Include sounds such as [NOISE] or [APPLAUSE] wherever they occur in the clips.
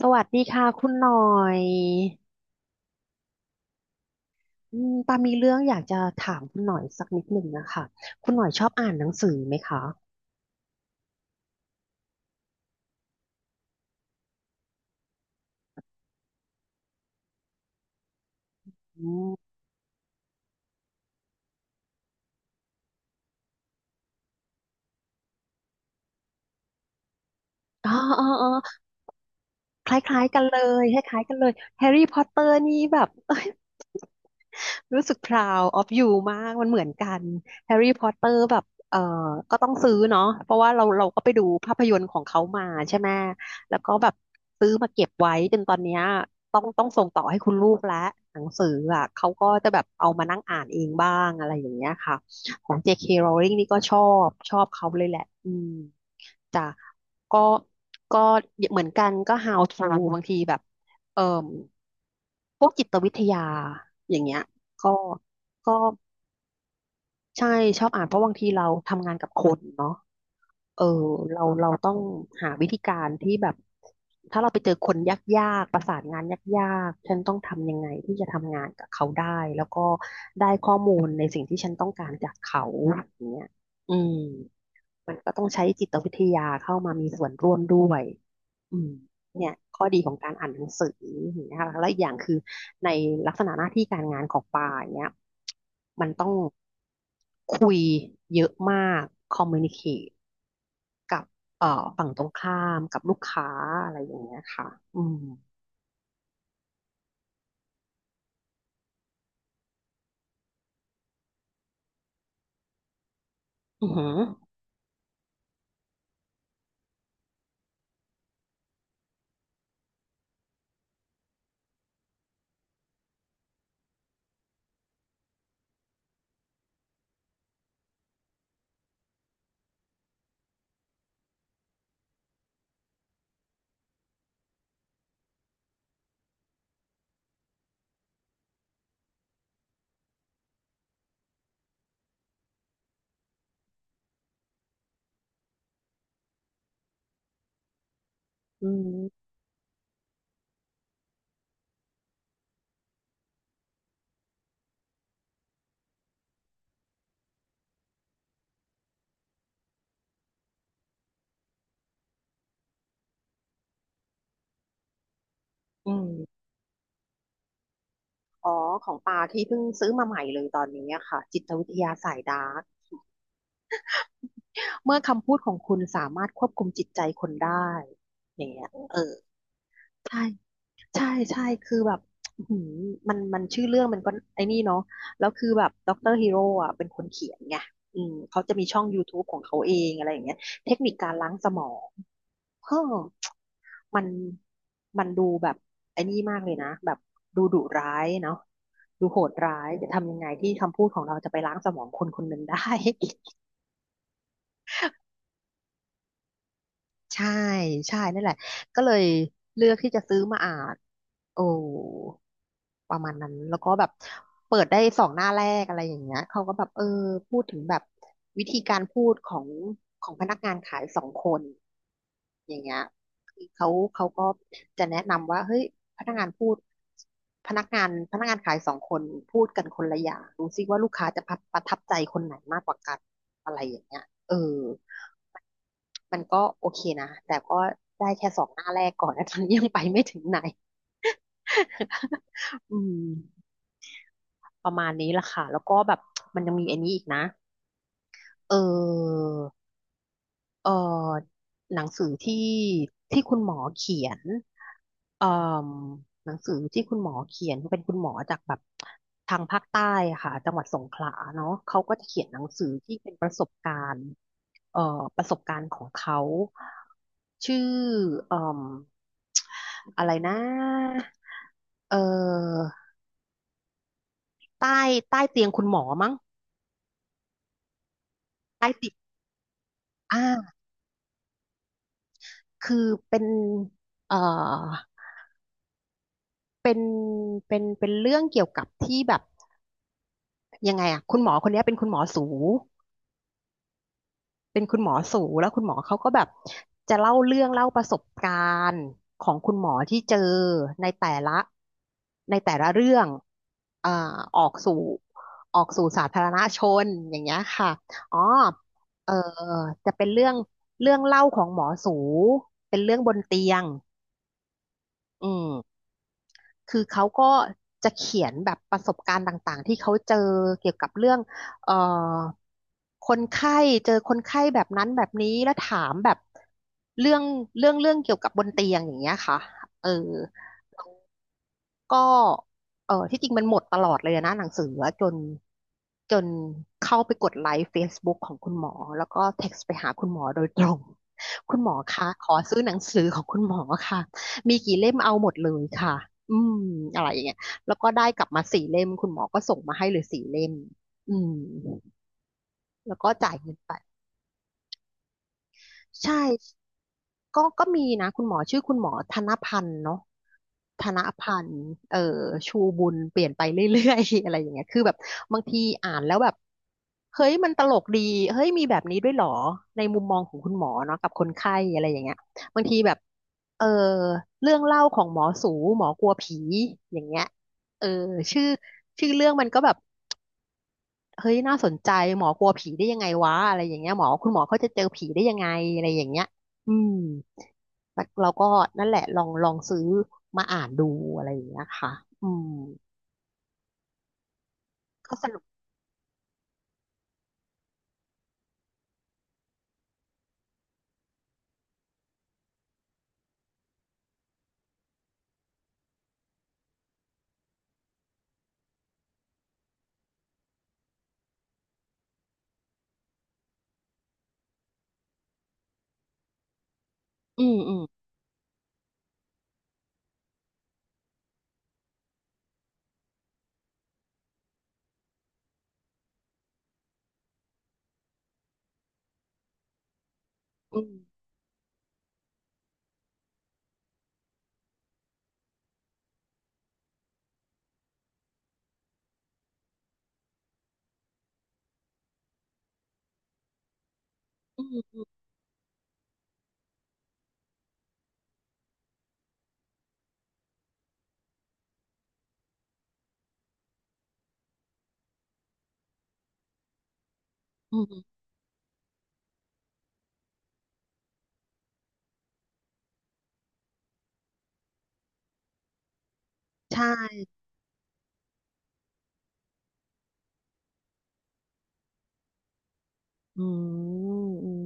สวัสดีค่ะคุณหน่อยปามีเรื่องอยากจะถามคุณหน่อยสักนิดหนึ่งนะคะคุณหน่อยชอบอ่านหนังสือไหมคะอืมอ๋ออ๋อ คล้ายๆกันเลยคล้ายๆกันเลยแฮร์รี่พอตเตอร์นี่แบบ [LAUGHS] เอ้ยรู้สึก proud of you มากมันเหมือนกันแฮร์รี่พอตเตอร์แบบเออก็ต้องซื้อเนาะเพราะว่าเราก็ไปดูภาพยนตร์ของเขามาใช่ไหมแล้วก็แบบซื้อมาเก็บไว้จนตอนเนี้ยต้องส่งต่อให้คุณลูกแล้วหนังสืออ่ะเขาก็จะแบบเอามานั่งอ่านเองบ้างอะไรอย่างเงี้ยค่ะของ J.K. Rowling นี่ก็ชอบเขาเลยแหละอืม จ้ะก็ก็เหมือนกันก็ how to บางทีแบบเอ่พวกจิตวิทยาอย่างเงี้ยก็ก็ใช่ชอบอ่านเพราะบางทีเราทำงานกับคนเนาะเออเราต้องหาวิธีการที่แบบถ้าเราไปเจอคนยากๆประสานงานยากๆฉันต้องทำยังไงที่จะทำงานกับเขาได้แล้วก็ได้ข้อมูลในสิ่งที่ฉันต้องการจากเขาอย่างเงี้ยอืม มันก็ต้องใช้จิตวิทยาเข้ามามีส่วนร่วมด้วยอืมเนี่ยข้อดีของการอ่านหนังสืออย่างเงี้ยค่ะแล้วอีกอย่างคือในลักษณะหน้าที่การงานของปาอย่างเนี้ยมันต้องคุยเยอะมากคอมมูนิเคตกับเอ่อฝั่งตรงข้ามกับลูกค้าอะไรอย่างเงี้ยค่ะอืมอือหืออืมอืมอ๋อของปาที่เพิ่งซื้อมาใหม่เลยตอนนี้อะค่ะ จิตวิทยาสายดาร์ก เมื่อคำพูดของคุณสามารถควบคุมจิตใจคนได้อย่างเงี้ยเออใช่ใช่ ใช่ คือแบบอื้อหือมันชื่อเรื่องมันก็ไอ้นี่เนาะแล้วคือแบบด็อกเตอร์ฮีโร่อ่ะเป็นคนเขียนไงอืมเขาจะมีช่อง YouTube ของเขาเองอะไรอย่างเงี้ยเทคนิคการล้างสมองเฮ้อมันมันดูแบบไอ้นี่มากเลยนะ แบบดูดุร้ายเนาะดูโหดร้าย จะทำยังไงที่คำพูดของเราจะไปล้างสมองคนคนหนึ่งได้ [LAUGHS] ใช่ใช่นั่นแหละก็เลยเลือกที่จะซื้อมาอ่านโอ้ประมาณนั้นแล้วก็แบบเปิดได้สองหน้าแรกอะไรอย่างเงี้ยเขาก็แบบเออพูดถึงแบบวิธีการพูดของพนักงานขายสองคนอย่างเงี้ยคือเขาเขาก็จะแนะนำว่าเฮ้ยพนักงานพูดพนักงานขายสองคนพูดกันคนละอย่างดูซิว่าลูกค้าจะประประทับใจคนไหนมากกว่ากันอะไรอย่างเงี้ยเออ มันก็โอเคนะแต่ก็ได้แค่สองหน้าแรกก่อนนะ [LAUGHS] ตอนนี้ยังไปไม่ถึงไหน [LAUGHS] อืมประมาณนี้ละค่ะแล้วก็แบบมันยังมีอันนี้อีกนะเออ เอ่อหนังสือที่คุณหมอเขียนเอ่อหนังสือที่คุณหมอเขียนเป็นคุณหมอจากแบบทางภาคใต้อะค่ะจังหวัดสงขลาเนาะเขาก็จะเขียนหนังสือที่เป็นประสบการณ์เอ่อประสบการณ์ของเขาชื่อเอ่มอะไรนะเอ่อใต้ใต้เตียงคุณหมอมั้งใต้ติดอ่าคือเป็นเอ่อ เป็นเรื่องเกี่ยวกับที่แบบยังไงอะคุณหมอคนเนี้ยเป็นคุณหมอสูเป็นคุณหมอสูแล้วคุณหมอเขาก็แบบจะเล่าเรื่องเล่าประสบการณ์ของคุณหมอที่เจอในแต่ละเรื่องอ่าออกสู่สาธารณชนอย่างเงี้ยค่ะอ๋อเออจะเป็นเรื่องเล่าของหมอสูเป็นเรื่องบนเตียงอืม คือเขาก็จะเขียนแบบประสบการณ์ต่างๆที่เขาเจอเกี่ยวกับเรื่องเอ่อคนไข้เจอคนไข้แบบนั้นแบบนี้แล้วถามแบบเรื่องเกี่ยวกับบนเตียงอย่างเงี้ยค่ะเออ ก็เออที่จริงมันหมดตลอดเลยนะหนังสืออะจนจนเข้าไปกดไลค์ Facebook ของคุณหมอแล้วก็เท็กซ์ไปหาคุณหมอโดยตรง [LAUGHS] คุณหมอคะขอซื้อหนังสือของคุณหมอค่ะมีกี่เล่มเอาหมดเลยค่ะอืมอะไรอย่างเงี้ยแล้วก็ได้กลับมาสี่เล่มคุณหมอก็ส่งมาให้เลยสี่เล่มอืมแล้วก็จ่ายเงินไป ใช่ก็มีนะคุณหมอชื่อคุณหมอธนพันธ์เนาะธนพันธ์เอ่อชูบุญเปลี่ยนไปเรื่อยๆ [LAUGHS] อะไรอย่างเงี้ยคือแบบบางทีอ่านแล้วแบบเฮ้ยมันตลกดีเฮ้ยมีแบบนี้ด้วยเหรอในมุมมองของคุณหมอเนาะกับคนไข้อะไรอย่างเงี้ยบางทีแบบเออเรื่องเล่าของหมอสูหมอกลัวผีอย่างเงี้ยเออชื่อชื่อเรื่องมันก็แบบ เฮ้ยน่าสนใจหมอกลัวผีได้ยังไงวะอะไรอย่างเงี้ยหมอเขาจะเจอผีได้ยังไงอะไรอย่างเงี้ยอืมแล้วเราก็นั่นแหละลองซื้อมาอ่านดูอะไรอย่างเงี้ยค่ะอืมก็สนุกอืมอืมอืมอืมอืมใช่อืมอืม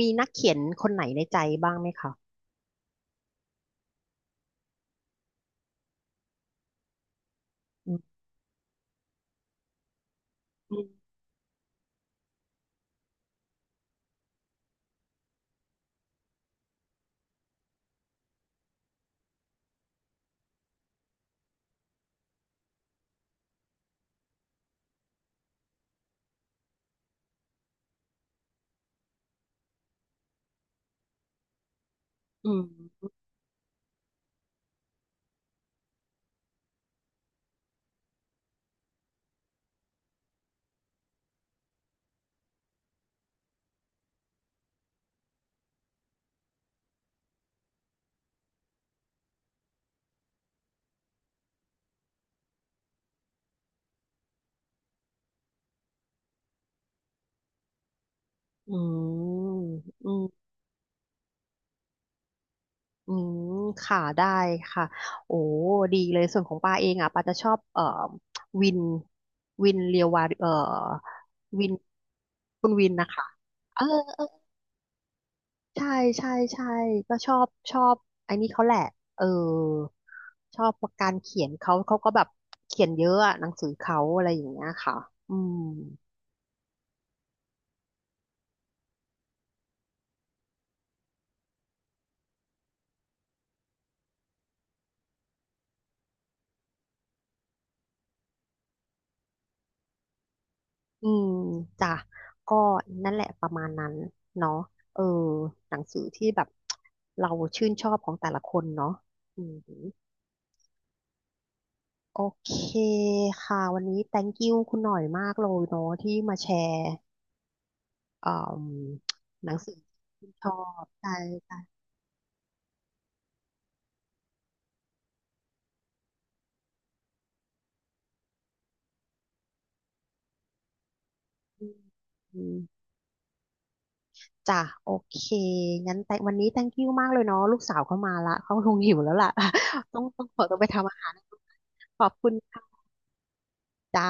มีนักเขียนคนไหนในใจบ้างไหมคะอืมอืมอืมอืม อืม ค่ะ ได้ค่ะ โอ้ ดีเลย ส่วนของปาเองอ่ะปาจะชอบ วินเรียววาวิน คุณวินนะคะ เออเออใช่ใช่ใช่ก็ชอบไอ้นี่เขาแหละ เออ ชอบการเขียนเขา เขาก็แบบเขียนเยอะอะหนังสือเขาอะไรอย่างเงี้ยค่ะอืม อืมจ้ะก็นั่นแหละประมาณนั้นเนาะเออหนังสือที่แบบเราชื่นชอบของแต่ละคนเนาะอืมโอเคค่ะวันนี้ thank you คุณหน่อยมากเลยเนาะที่มาแชร์เอ่มหนังสือที่ชื่นชอบใช่ใช่อืมอืมจ้ะโอเคงั้นแต่วันนี้ thank you มากเลยเนาะลูกสาวเข้ามาละเขาคงหิวแล้วล่ะ [LAUGHS] ต้องขอตัวไปทำอาหารขอบคุณค่ะจ้า